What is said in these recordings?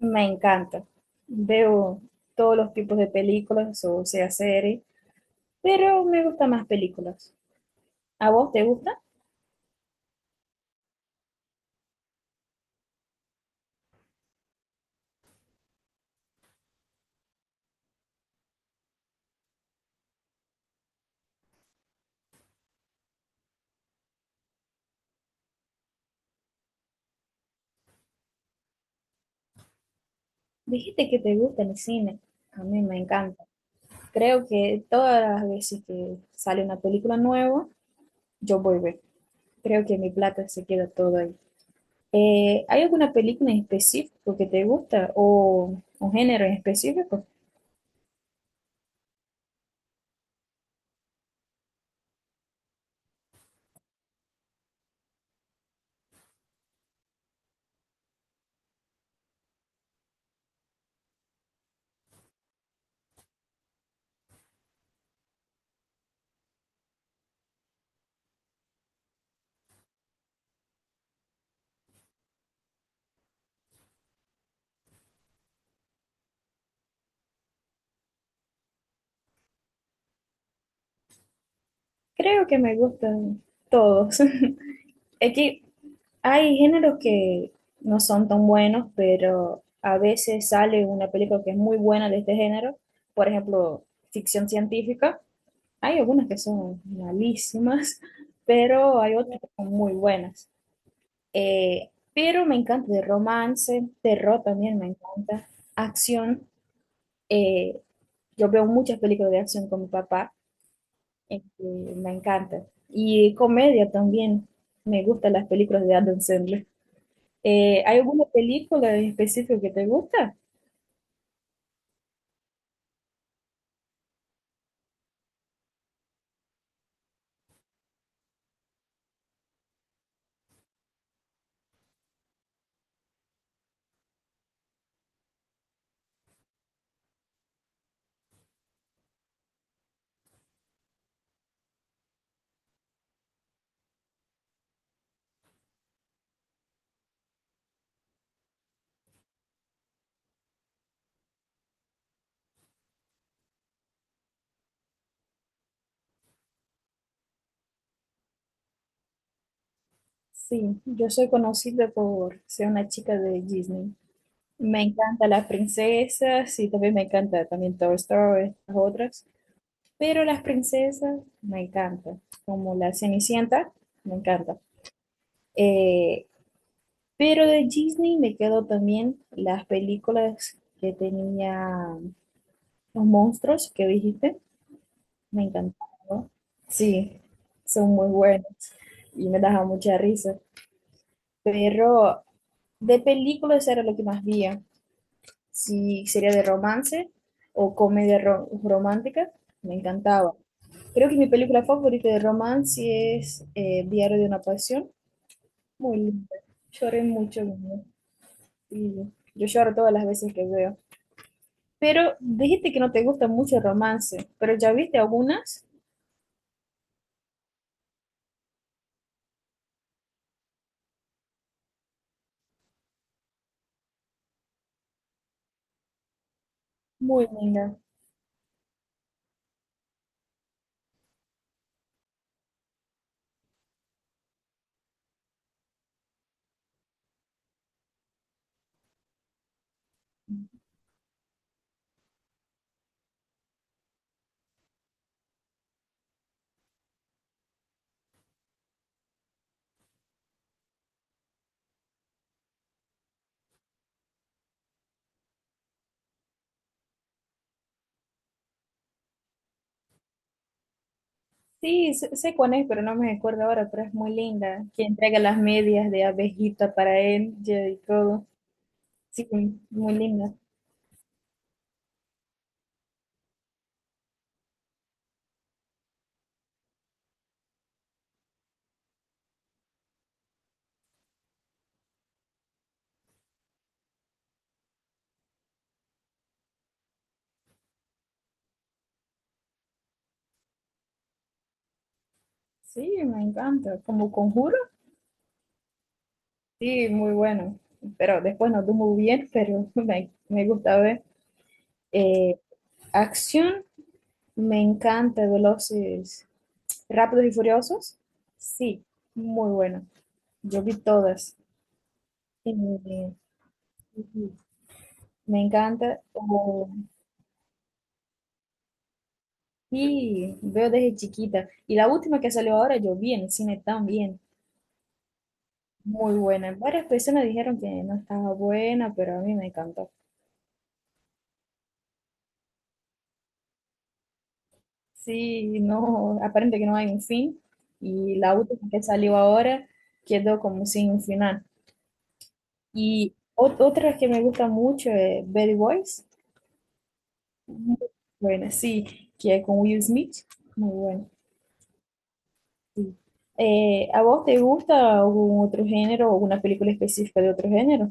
Me encanta. Veo todos los tipos de películas, o sea, series, pero me gustan más películas. ¿A vos te gusta? Dijiste que te gusta el cine. A mí me encanta. Creo que todas las veces que sale una película nueva, yo voy a ver. Creo que mi plata se queda todo ahí. ¿Hay alguna película en específico que te gusta o un género en específico? Creo que me gustan todos. Es que hay géneros que no son tan buenos, pero a veces sale una película que es muy buena de este género. Por ejemplo, ficción científica. Hay algunas que son malísimas, pero hay otras que son muy buenas. Pero me encanta de romance, terror también me encanta, acción. eh, yo veo muchas películas de acción con mi papá, que me encanta. Y comedia también. Me gustan las películas de Adam Sandler. ¿Hay alguna película en específico que te gusta? Sí, yo soy conocida por ser una chica de Disney. Me encantan las princesas y también me encanta también Toy Story, las otras. Pero las princesas me encantan, como la Cenicienta, me encanta. Eh, pero de Disney me quedo también las películas que tenía los monstruos que dijiste, me encantaron. ¿No? Sí, son muy buenos y me daban mucha risa. Pero de películas era lo que más veía. Si sería de romance o comedia romántica, me encantaba. Creo que mi película favorita de romance es Diario de una Pasión. Muy linda. Lloré mucho. Niña. Y yo lloro todas las veces que veo. Pero dijiste que no te gusta mucho el romance, pero ya viste algunas. Muy linda. Sí, sé cuál es, pero no me acuerdo ahora, pero es muy linda. Que entrega las medias de abejita para él ya, y todo. Sí, muy linda. Sí, me encanta. Como conjuro, sí, muy bueno. Pero después no estuvo muy bien, pero me gusta ver. Eh, acción, me encanta. Veloces, rápidos y furiosos, sí, muy bueno. Yo vi todas. Eh, me encanta. Oh, sí, veo desde chiquita. Y la última que salió ahora, yo vi en el cine también. Muy buena. Varias personas dijeron que no estaba buena, pero a mí me encantó. Sí, no, aparente que no hay un fin y la última que salió ahora quedó como sin un final. Y otra que me gusta mucho es Bad Boys, muy buena, sí, que es con Will Smith, muy buena. Sí. ¿A vos te gusta algún otro género o alguna película específica de otro género?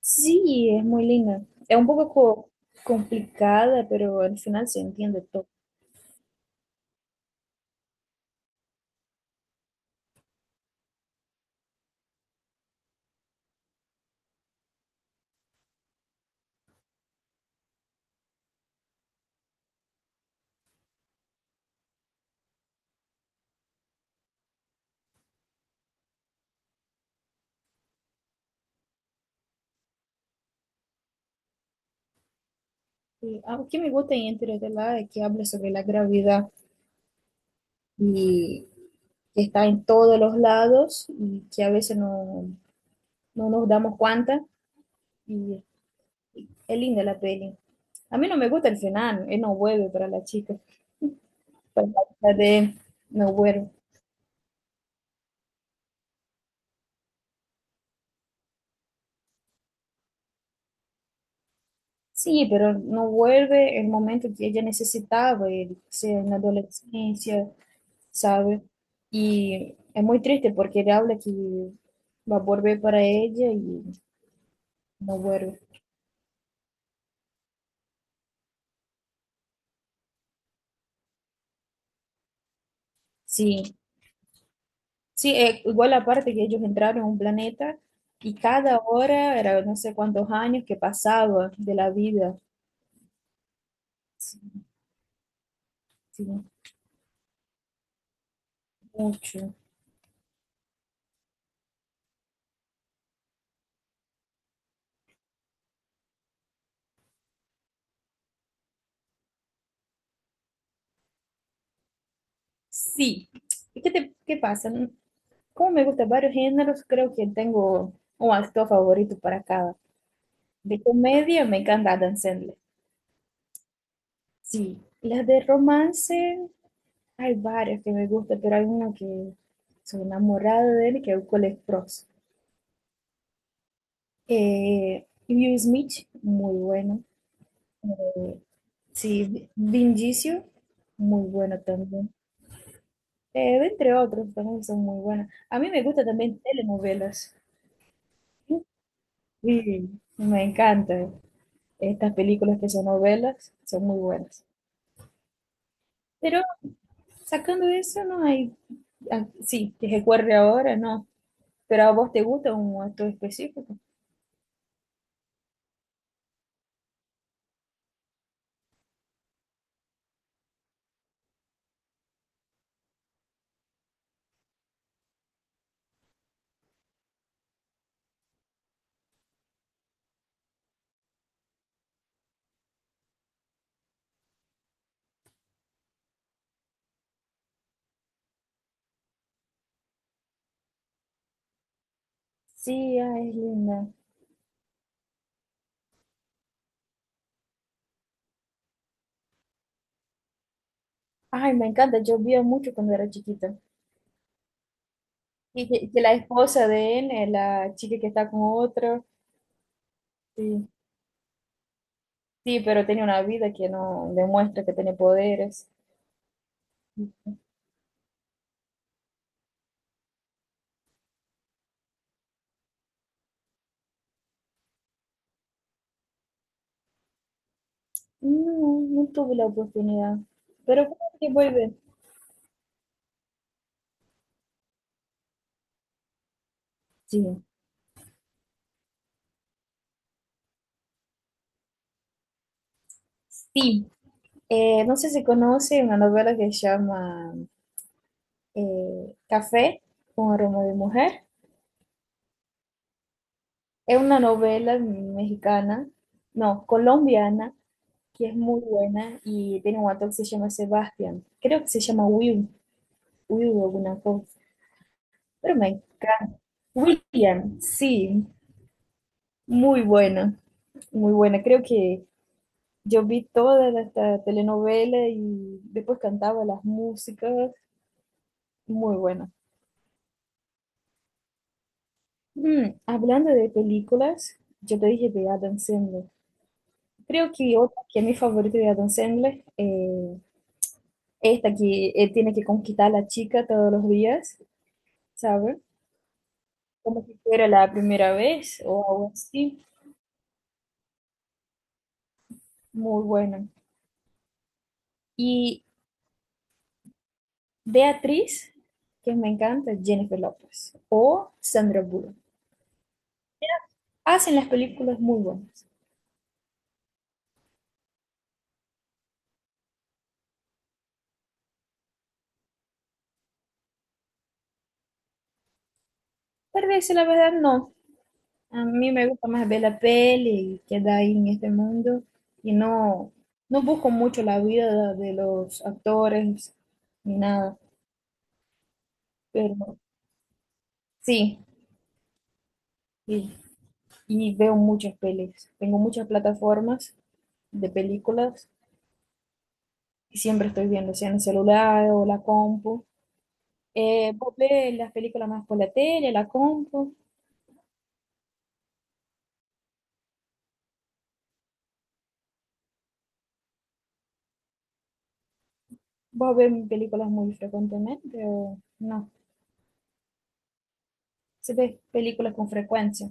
Sí, es muy linda. Es un poco complicada, pero al final se entiende todo. Y algo que me gusta en Interestelar es que habla sobre la gravedad. Y que está en todos los lados y que a veces no, no nos damos cuenta. Y es linda la peli. A mí no me gusta el final, él no vuelve para la chica, para la de él, no vuelve. Sí, pero no vuelve el momento que ella necesitaba, él, sea en la adolescencia, ¿sabe? Y es muy triste porque él habla que va a volver para ella y no vuelve. Sí, sí, igual aparte que ellos entraron a un planeta y cada hora era no sé cuántos años que pasaba de la vida. Sí, sí, mucho. Sí. ¿Y qué pasa? Como me gustan varios géneros, creo que tengo un actor favorito para cada. De comedia me encanta Adam Sandler. Sí. Las de romance, hay varias que me gustan, pero hay una que soy enamorada de él, que es Cole Sprouse. Will Smith, muy bueno. Eh, sí, Vinicius, muy bueno también. Entre otros, también son muy buenos. A mí me gustan también telenovelas. Sí, me encantan. Estas películas que son novelas son muy buenas. Pero sacando eso, no hay. Ah, sí, que recuerde ahora, no. Pero a vos te gusta un actor específico. Sí, ay, es linda. Ay, me encanta. Yo vi mucho cuando era chiquita. Y que la esposa de él, la chica que está con otro. Sí. Sí, pero tenía una vida que no demuestra que tiene poderes. No, no tuve la oportunidad. Pero creo que vuelve. Sí. Sí. No sé si conoce una novela que se llama Café con aroma de mujer. Es una novela mexicana, no, colombiana, que es muy buena y tiene un actor que se llama Sebastián. Creo que se llama Will, Will alguna cosa. Pero me encanta. William, sí. Muy buena, muy buena. Creo que yo vi toda esta telenovela y después cantaba las músicas. Muy buena. Hablando de películas, yo te dije de Adam Sandler. Creo que otra que es mi favorita de Adam Sandler, esta que él tiene que conquistar a la chica todos los días, ¿sabes? Como si fuera la primera vez o algo así. Muy buena. Y de actriz, que me encanta, Jennifer Lopez o Sandra Bullock. Hacen las películas muy buenas. Para decir la verdad, no. A mí me gusta más ver la peli y quedar ahí en este mundo y no, no busco mucho la vida de los actores ni nada. Pero sí, y, y veo muchas pelis. Tengo muchas plataformas de películas y siempre estoy viendo, sea en el celular o la compu. Vos ves las películas más por la tele, la compu. Vos ves películas muy frecuentemente o no. Se ve películas con frecuencia.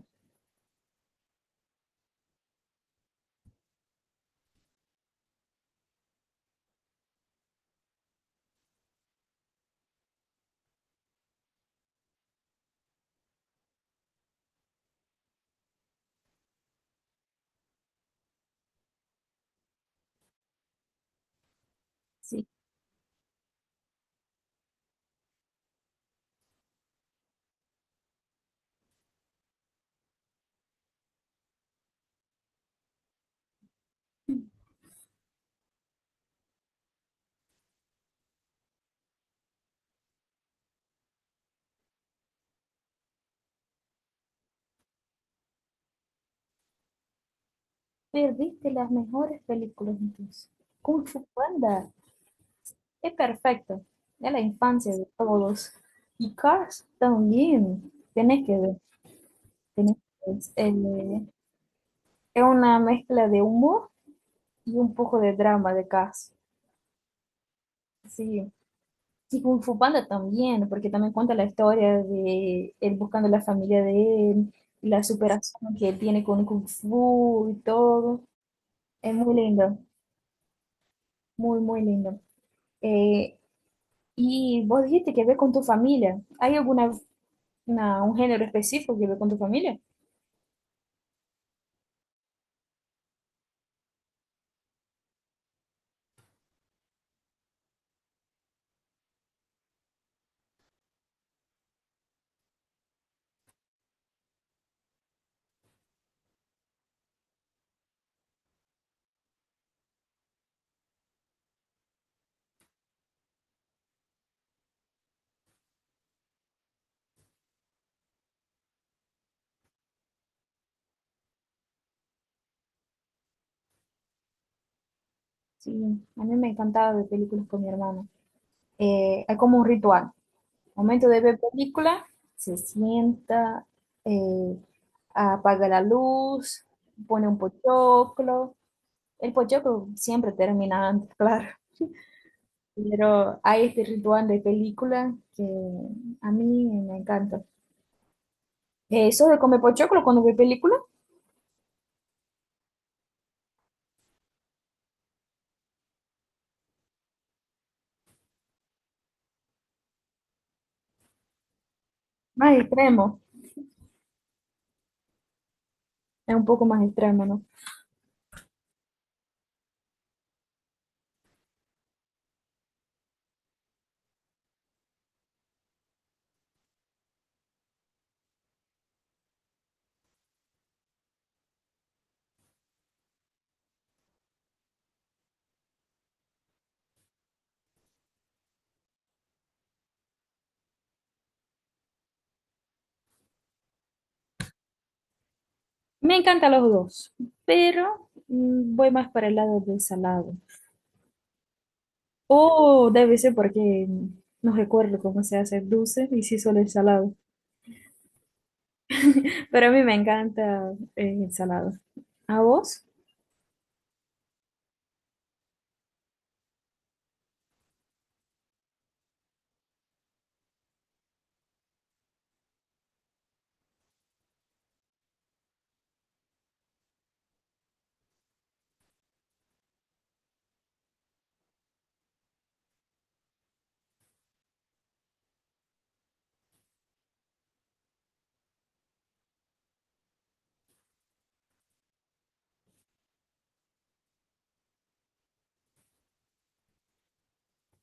Sí, perdiste las mejores películas entonces. Kung Fu Panda es perfecto. Es la infancia de todos. Y Cars también. Tenés que ver. Tenés que ver. Es una mezcla de humor y un poco de drama de Cars. Sí. Y Kung Fu Panda también, porque también cuenta la historia de él buscando la familia de él, y la superación que él tiene con Kung Fu y todo. Es muy lindo. Muy, muy lindo. Eh, y vos dijiste que ve con tu familia. ¿Hay alguna un género específico que ve con tu familia? Sí, a mí me encantaba ver películas con mi hermano. Hay como un ritual. Momento de ver película, se sienta, eh, apaga la luz, pone un pochoclo. El pochoclo siempre termina antes, claro. Pero hay este ritual de película que a mí me encanta. ¿Sos de comer pochoclo cuando ve película? Más extremo, es un poco más extremo, ¿no? Me encantan los dos, pero voy más para el lado del salado. O debe ser porque no recuerdo cómo se hace el dulce y sí solo el salado. Pero a mí me encanta el salado. ¿A vos?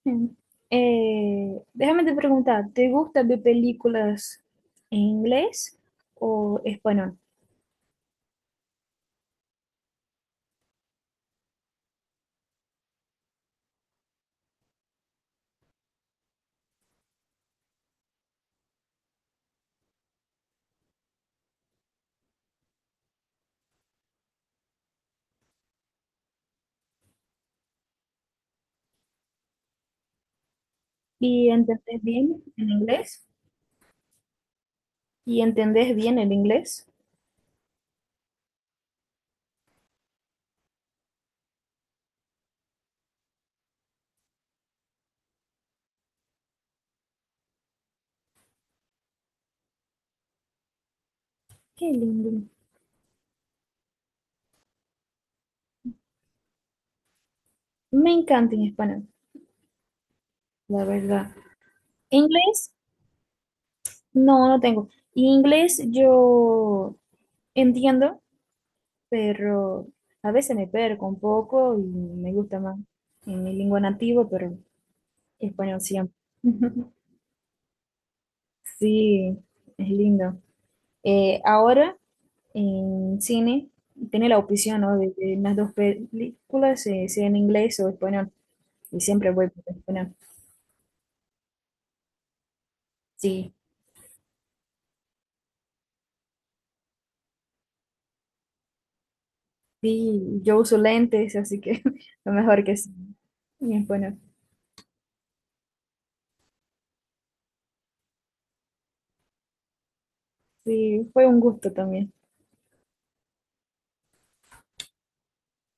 Mm. Déjame te preguntar, ¿te gustan ver películas en inglés o español? ¿Y entendés bien el inglés? ¿Y entendés bien el inglés? Qué lindo. Me encanta en español. La verdad. Inglés, no, no tengo. Inglés yo entiendo, pero a veces me perco un poco y me gusta más en mi lengua nativa, pero español siempre. Sí, es lindo. Ahora en cine tiene la opción, ¿no? De que las dos películas, sea en inglés o español, y siempre voy por español. Sí, sí, yo uso lentes, así que lo mejor que sí, en español. Sí, fue un gusto también.